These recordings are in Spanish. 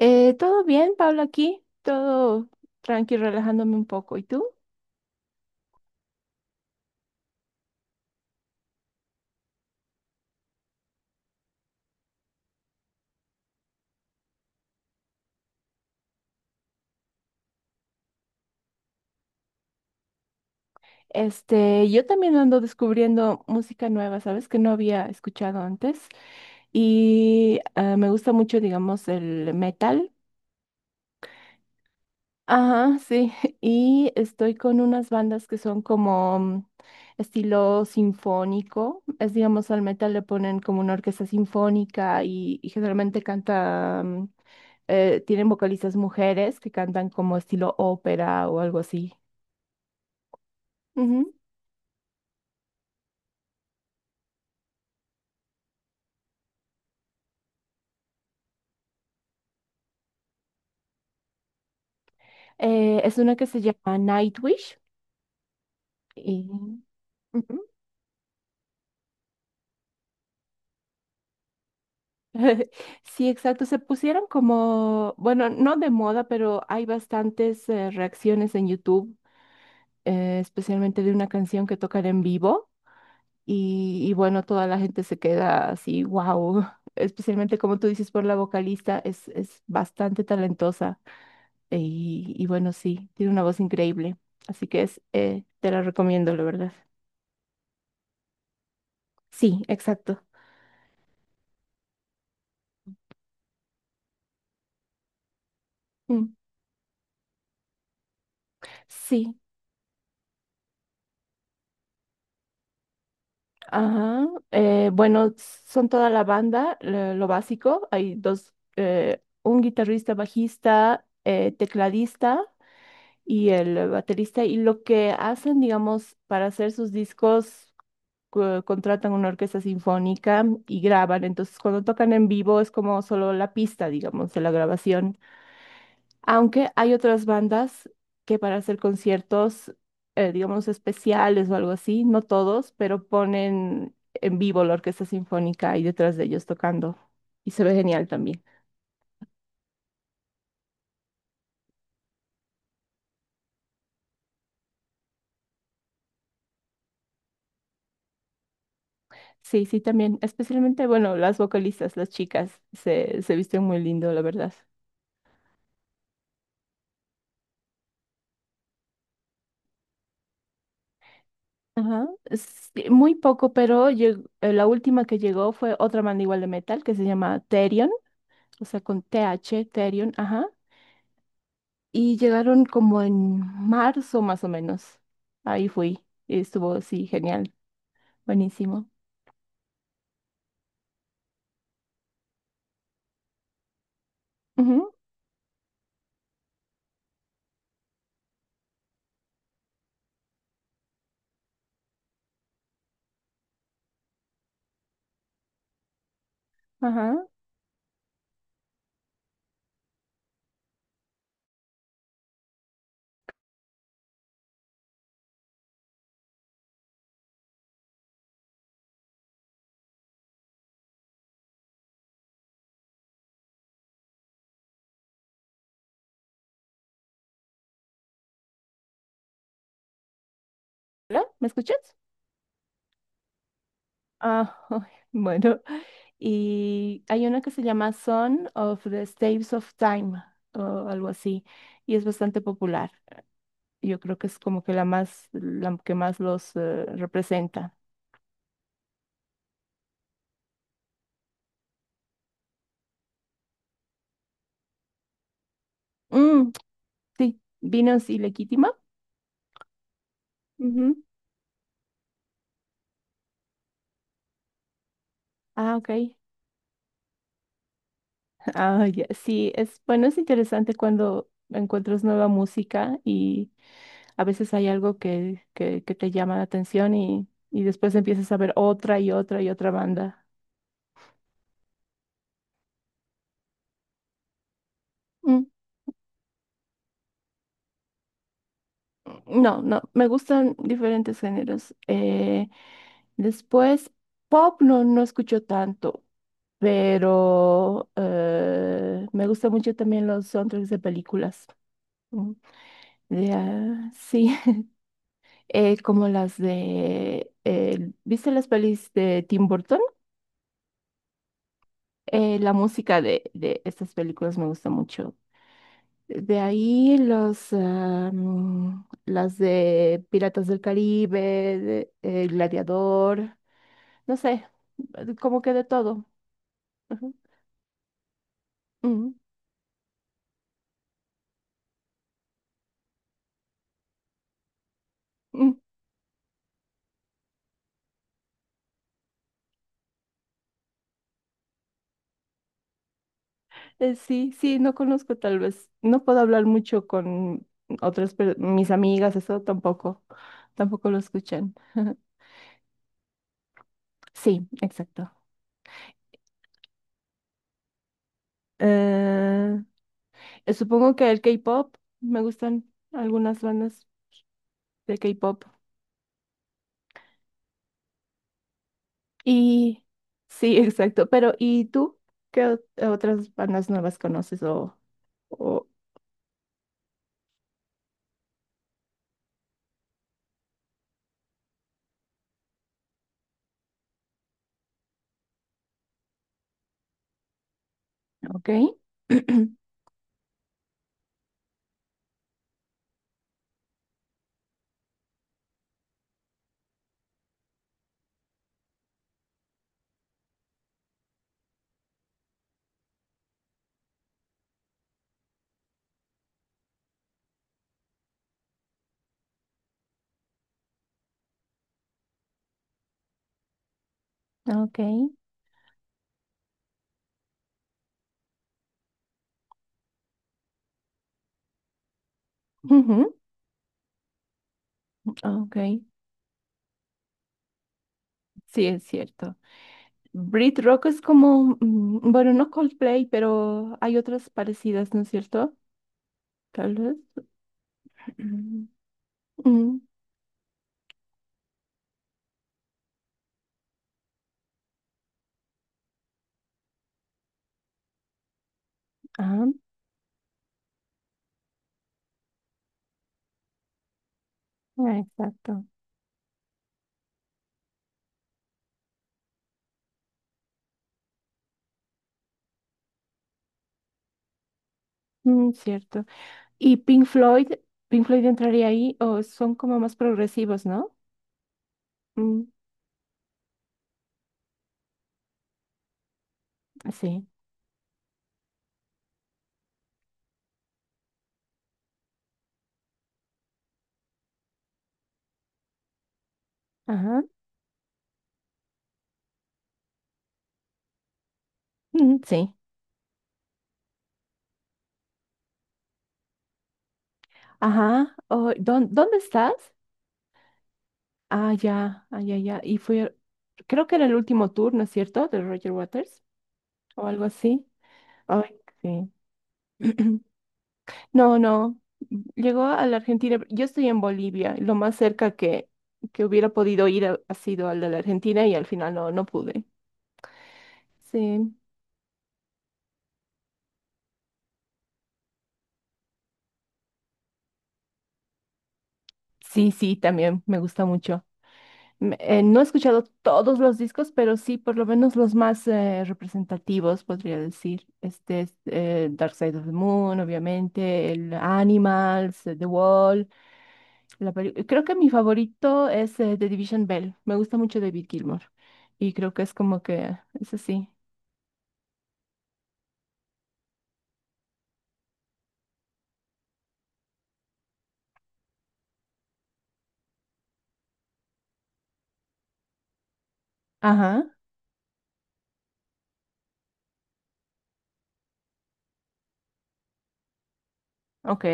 Todo bien, Pablo, aquí, todo tranqui, relajándome un poco. ¿Y tú? Este, yo también ando descubriendo música nueva, ¿sabes? Que no había escuchado antes. Y me gusta mucho, digamos, el metal. Ajá, sí, y estoy con unas bandas que son como estilo sinfónico, es digamos al metal le ponen como una orquesta sinfónica y generalmente canta, tienen vocalistas mujeres que cantan como estilo ópera o algo así. Ujú. Es una que se llama Nightwish y... ujú. Sí, exacto. Se pusieron como, bueno, no de moda, pero hay bastantes reacciones en YouTube especialmente de una canción que tocan en vivo y bueno, toda la gente se queda así, wow, especialmente como tú dices por la vocalista, es bastante talentosa y bueno, sí, tiene una voz increíble, así que es, te la recomiendo, la verdad. Sí, exacto. Mm. Sí. Ajá. Bueno, son toda la banda, lo básico. Hay dos, un guitarrista, bajista, tecladista y el baterista. Y lo que hacen, digamos, para hacer sus discos, contratan una orquesta sinfónica y graban. Entonces, cuando tocan en vivo es como solo la pista, digamos, de la grabación. Aunque hay otras bandas que para hacer conciertos, digamos, especiales o algo así, no todos, pero ponen en vivo la orquesta sinfónica ahí detrás de ellos tocando. Y se ve genial también. Sí, sí, también. Especialmente, bueno, las vocalistas, las chicas, se visten muy lindo, la verdad. Ajá. Sí, muy poco, pero la última que llegó fue otra banda igual de metal que se llama Therion, o sea, con T H Therion, ajá. Y llegaron como en marzo más o menos. Ahí fui. Y estuvo, sí, genial. Buenísimo. Ujú, ajá. ¿Hola? ¿Me escuchas? Ah, bueno. Y hay una que se llama Son of the Staves of Time o algo así, y es bastante popular. Yo creo que es como que la más, la que más los representa. Mm, sí, Vinos y Legítima. Ujú. Ah, ok. Ah, ya. Sí, es bueno, es interesante cuando encuentras nueva música y a veces hay algo que te llama la atención y después empiezas a ver otra y otra y otra banda. No, no, me gustan diferentes géneros. Después, pop no, no escucho tanto, pero me gustan mucho también los soundtracks de películas. Mm, sí, como las de, ¿viste las pelis de Tim Burton? La música de estas películas me gusta mucho. De ahí los, las de Piratas del Caribe, Gladiador, no sé, como que de todo. Ajá. Mm, mm. Sí, sí, no conozco tal vez, no puedo hablar mucho con otras, mis amigas, eso tampoco, tampoco lo escuchan. Sí, exacto. Eh, supongo que el K-pop, me gustan algunas bandas de K-pop. Y sí, exacto. Pero ¿y tú qué otras bandas nuevas conoces o ok? Ok. Ujú. Ok. Sí, es cierto. Brit Rock es como, bueno, no Coldplay, pero hay otras parecidas, ¿no es cierto? Tal vez. Mm, mm, ah, ah, exacto. Mm, cierto. ¿Y Pink Floyd? ¿Pink Floyd entraría ahí o son como más progresivos, ¿no? Mm, sí. Ajá. Mm, sí. Ajá, oh, ¿dónde estás? Ah, ya, ah, ya, ya. Y fue, creo que era el último tour, ¿no es cierto? De Roger Waters o algo así. Ay, sí. No, no. Llegó a la Argentina. Yo estoy en Bolivia. Y lo más cerca que hubiera podido ir ha sido al de la Argentina y al final no, no pude. Sí. Sí, sí, también me gusta mucho. No he escuchado todos los discos, pero sí por lo menos los más representativos, podría decir. Este es Dark Side of the Moon, obviamente, el Animals, The Wall. Creo que mi favorito es The Division Bell. Me gusta mucho David Gilmour. Y creo que es como que, es así. Ajá, ok,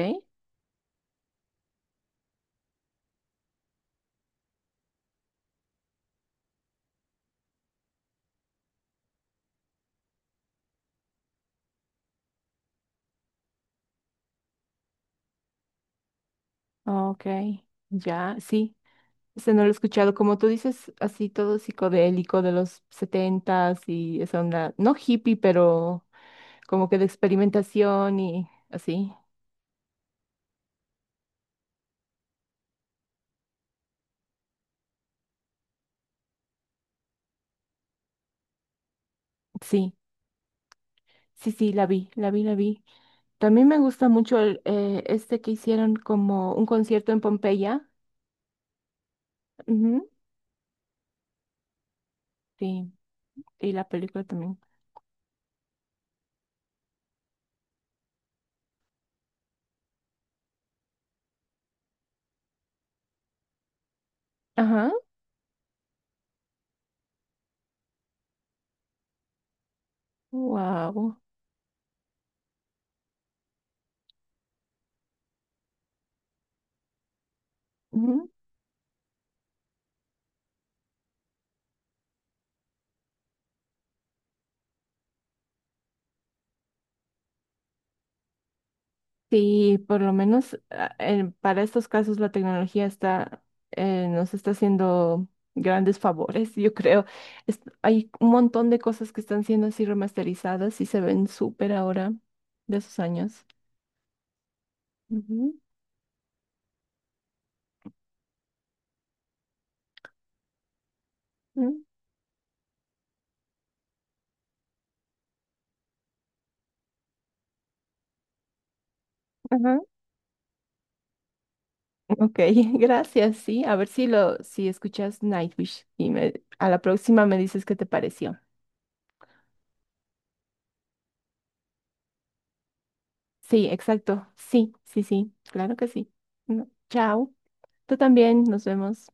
ok, ya, sí. Este no lo he escuchado, como tú dices, así todo psicodélico de los setentas y esa onda, no hippie, pero como que de experimentación y así. Sí, sí, sí, la vi, la vi, la vi. También me gusta mucho el, este que hicieron como un concierto en Pompeya. Ujú. Sí, y la película también. Ajá, wow. Sí, por lo menos para estos casos la tecnología está, nos está haciendo grandes favores, yo creo. Hay un montón de cosas que están siendo así remasterizadas y se ven súper ahora de esos años. Ujú, ujú, ajá. Ok, gracias, sí. A ver si lo, si escuchas Nightwish y me, a la próxima me dices qué te pareció. Sí, exacto. Sí, sí, sí. Claro que sí. No, chao. Tú también, nos vemos.